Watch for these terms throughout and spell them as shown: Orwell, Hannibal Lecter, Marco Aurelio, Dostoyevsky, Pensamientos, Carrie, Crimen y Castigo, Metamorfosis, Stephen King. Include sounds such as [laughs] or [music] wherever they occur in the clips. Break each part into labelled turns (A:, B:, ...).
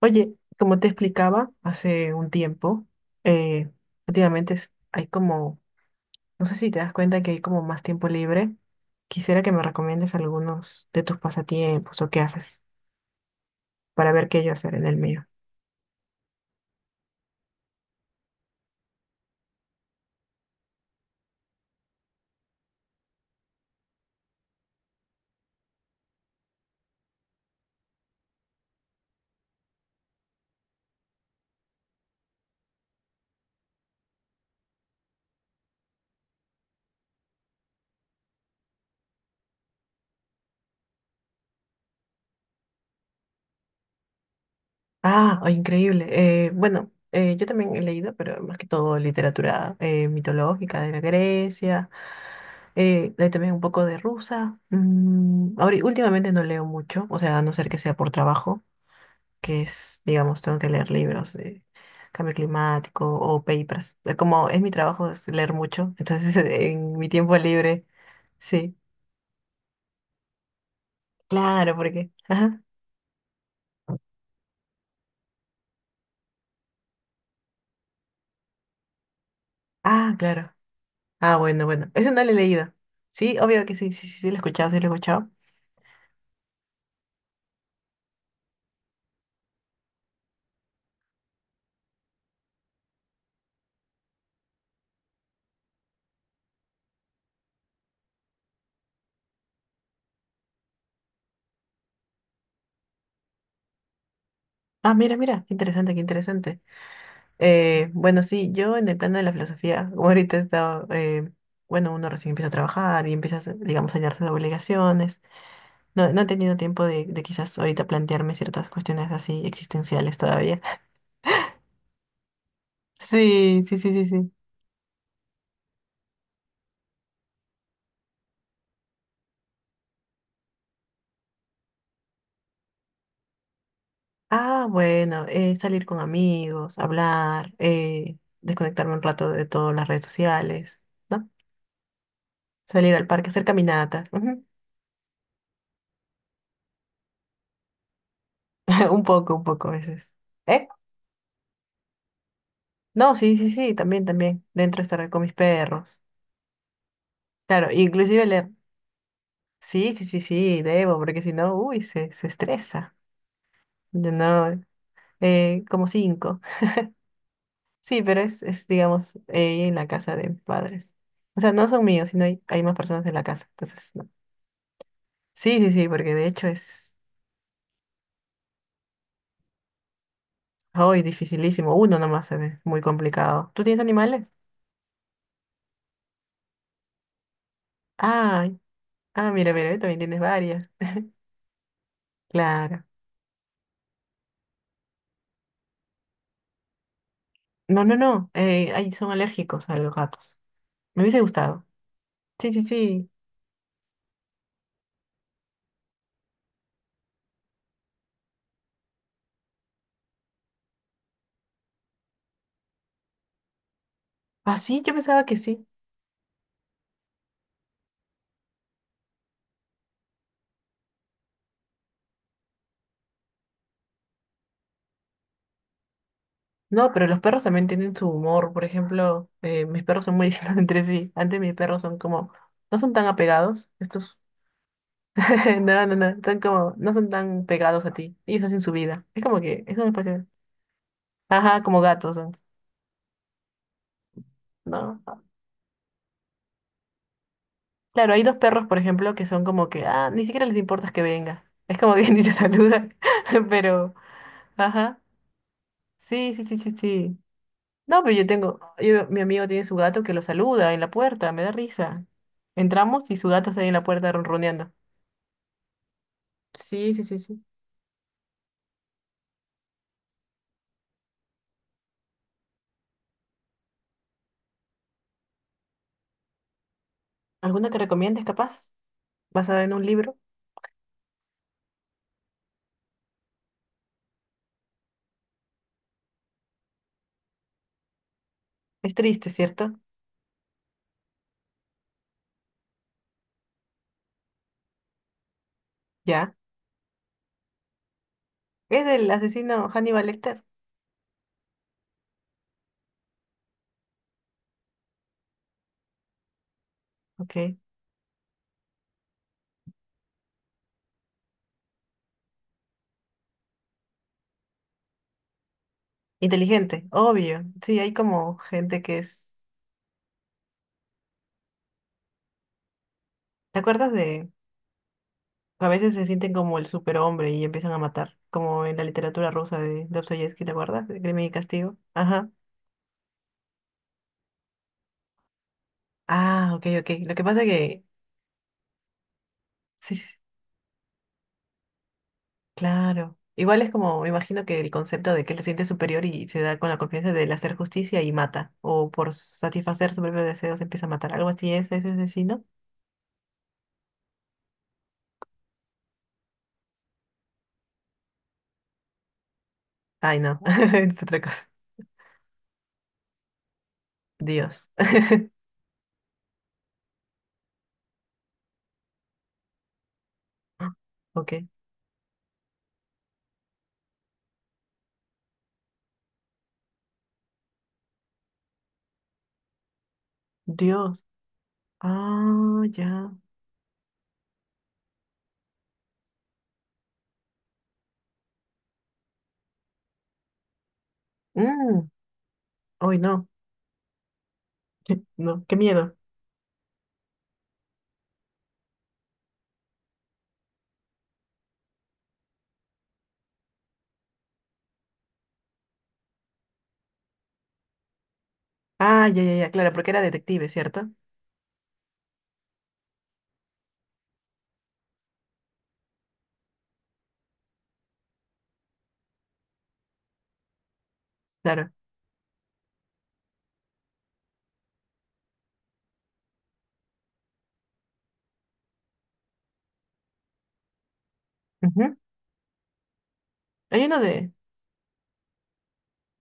A: Oye, como te explicaba hace un tiempo, eh, últimamente hay como, no sé si te das cuenta que hay como más tiempo libre. Quisiera que me recomiendes algunos de tus pasatiempos o qué haces para ver qué yo hacer en el mío. Ah, oh, increíble. Bueno, yo también he leído, pero más que todo literatura mitológica de la Grecia, hay también un poco de rusa. Ahora, últimamente no leo mucho, o sea, a no ser que sea por trabajo, que es, digamos, tengo que leer libros de cambio climático o papers. Como es mi trabajo es leer mucho, entonces [laughs] en mi tiempo libre, sí, claro, porque, ajá, ah, claro, ah, bueno, bueno, ese no lo he leído, sí, obvio que sí, sí, sí, sí, lo he escuchado, sí, lo he escuchado. Ah, mira, mira, qué interesante, qué interesante. Bueno, sí, yo en el plano de la filosofía, como ahorita he estado, bueno, uno recién empieza a trabajar y empieza, a hacer, digamos, a llenarse de obligaciones. No, no he tenido tiempo de quizás ahorita plantearme ciertas cuestiones así existenciales todavía. [laughs] Sí, sí, sí, sí, sí. Ah, bueno, salir con amigos, hablar, desconectarme un rato de todas las redes sociales, ¿no? Salir al parque, hacer caminatas. Ujú. [laughs] Un poco a veces. ¿Eh? No, sí, sí, sí, también, también. Dentro estar con mis perros. Claro, inclusive leer. Sí, sí, sí, sí, debo, porque si no, uy, se estresa. Yo no, como cinco. Sí, pero es digamos, ella en la casa de padres. O sea, no son míos, sino hay más personas en la casa. Entonces, no. Sí, sí, sí, porque de hecho es hoy dificilísimo. Uno nomás se ve muy complicado. ¿Tú tienes animales? Ay, ah, mira, mira, también tienes varias. Claro. No, no, no. Ay, son alérgicos a los gatos. Me hubiese gustado. Sí, sí, sí. Ah, sí, yo pensaba que sí. No, pero los perros también tienen su humor. Por ejemplo, mis perros son muy [laughs] distintos entre sí. Antes mis perros son como, no son tan apegados. Estos [laughs] No, no, no, son como, no son tan pegados a ti. Ellos hacen su vida. Es como que es un espacio. Ajá, como gatos son. No. Claro, hay dos perros, por ejemplo, que son como que, ah, ni siquiera les importa que venga. Es como que [laughs] ni te saludan. [laughs] Pero, ajá. Sí, sí, sí, sí, sí. No, pero mi amigo tiene su gato que lo saluda en la puerta, me da risa. Entramos y su gato está ahí en la puerta ronroneando. Sí, sí, sí, sí. ¿Alguna que recomiendes, capaz? Basada en un libro. Es triste, ¿cierto? Ya. Es del asesino Hannibal Lecter. Ok. Inteligente, obvio. Sí, hay como gente que es. ¿Te acuerdas de que a veces se sienten como el superhombre y empiezan a matar? Como en la literatura rusa de Dostoyevsky, ¿te acuerdas? De Crimen y Castigo. Ajá. Ah, ok, ok. Lo que pasa que. Sí, sí, sí, claro. Igual es como, me imagino que el concepto de que él se siente superior y se da con la confianza del hacer justicia y mata. O por satisfacer sus propios deseos empieza a matar. Algo así es ese asesino. Ay, no. [laughs] Es otra cosa. Dios. Ah, ok. Dios. Ah, ya. Mm, uy, no. [laughs] No, qué miedo. Ah, ya, ya, ya, claro, porque era detective, ¿cierto? Claro. Ujú. Hay uno de.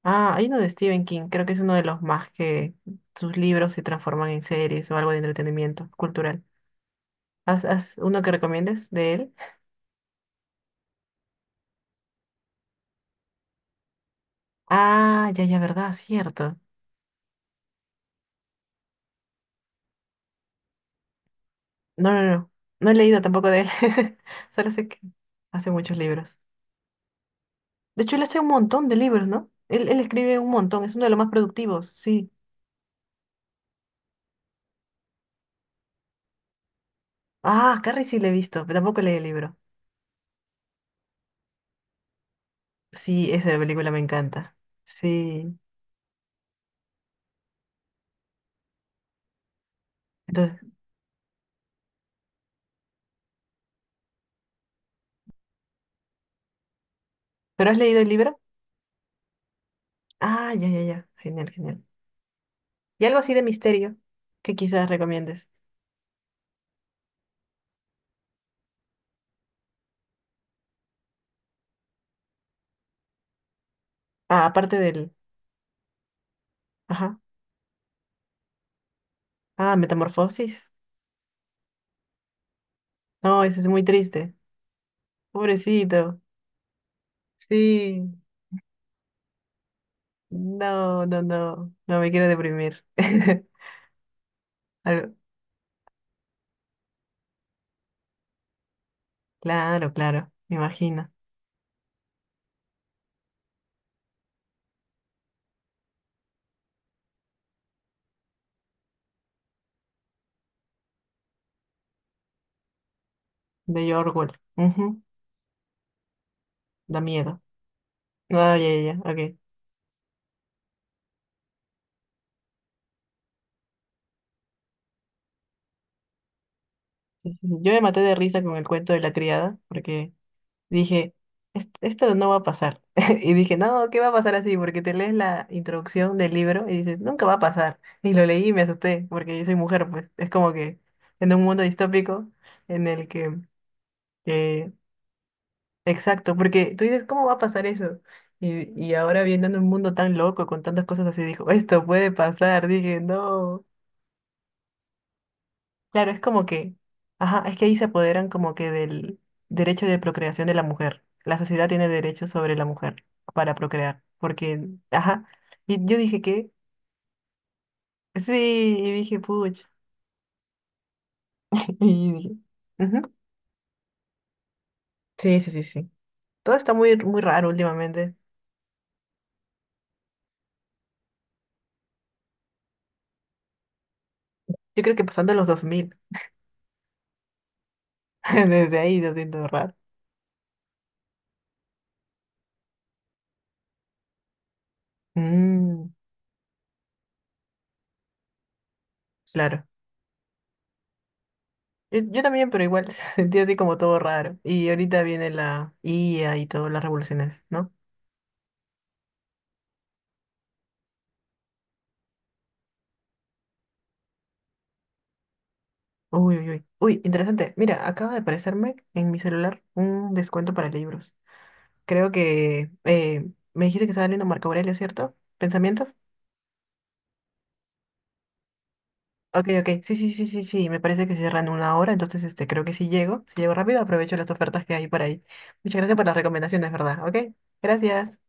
A: Ah, hay uno de Stephen King. Creo que es uno de los más que sus libros se transforman en series o algo de entretenimiento cultural. ¿Has uno que recomiendes de él? Ah, ya, ya, verdad, cierto. No, no, no. No he leído tampoco de él. [laughs] Solo sé que hace muchos libros. De hecho, él hace un montón de libros, ¿no? Él escribe un montón, es uno de los más productivos, sí. Ah, Carrie sí le he visto, pero tampoco leí el libro. Sí, esa película me encanta. Sí. Entonces, ¿pero has leído el libro? Ah, ya, ya, ya. Genial, genial. ¿Y algo así de misterio que quizás recomiendes? Ah, aparte del... Ajá. Ah, Metamorfosis. No, eso es muy triste. Pobrecito. Sí. No, no, no. No me quiero deprimir. [laughs] Algo- Claro, claro. Me imagino. De Orwell. Ujú. Da miedo. Ah, ya, ya, ya, ok. Sí, sí, sí. Yo me maté de risa con el cuento de la criada porque dije, esto no va a pasar. [laughs] Y dije, no, ¿qué va a pasar así? Porque te lees la introducción del libro y dices, nunca va a pasar. Y lo leí y me asusté porque yo soy mujer, pues es como que en un mundo distópico en el que, que- exacto, porque tú dices, ¿cómo va a pasar eso? Y ahora viendo en un mundo tan loco con tantas cosas así, dijo, esto puede pasar. Dije, no. Claro, es como que, ajá, es que ahí se apoderan como que del derecho de procreación de la mujer. La sociedad tiene derecho sobre la mujer para procrear, porque, ajá, y yo dije que, sí, y dije, puch, [laughs] y dije, ujú. Sí, sí, sí, sí. Todo está muy, muy raro últimamente. Yo creo que pasando los 2000, [laughs] desde ahí lo siento raro. Mm, claro. Yo también, pero igual [laughs] sentí así como todo raro. Y ahorita viene la IA y todas las revoluciones, ¿no? Uy, uy, uy. Uy, interesante. Mira, acaba de aparecerme en mi celular un descuento para libros. Creo que me dijiste que estaba leyendo Marco Aurelio, ¿cierto? ¿Pensamientos? Ok, ok. Sí, sí, sí, sí, sí. Me parece que cierran una hora, entonces este, creo que si llego, si llego rápido, aprovecho las ofertas que hay por ahí. Muchas gracias por las recomendaciones, ¿verdad? Ok, gracias.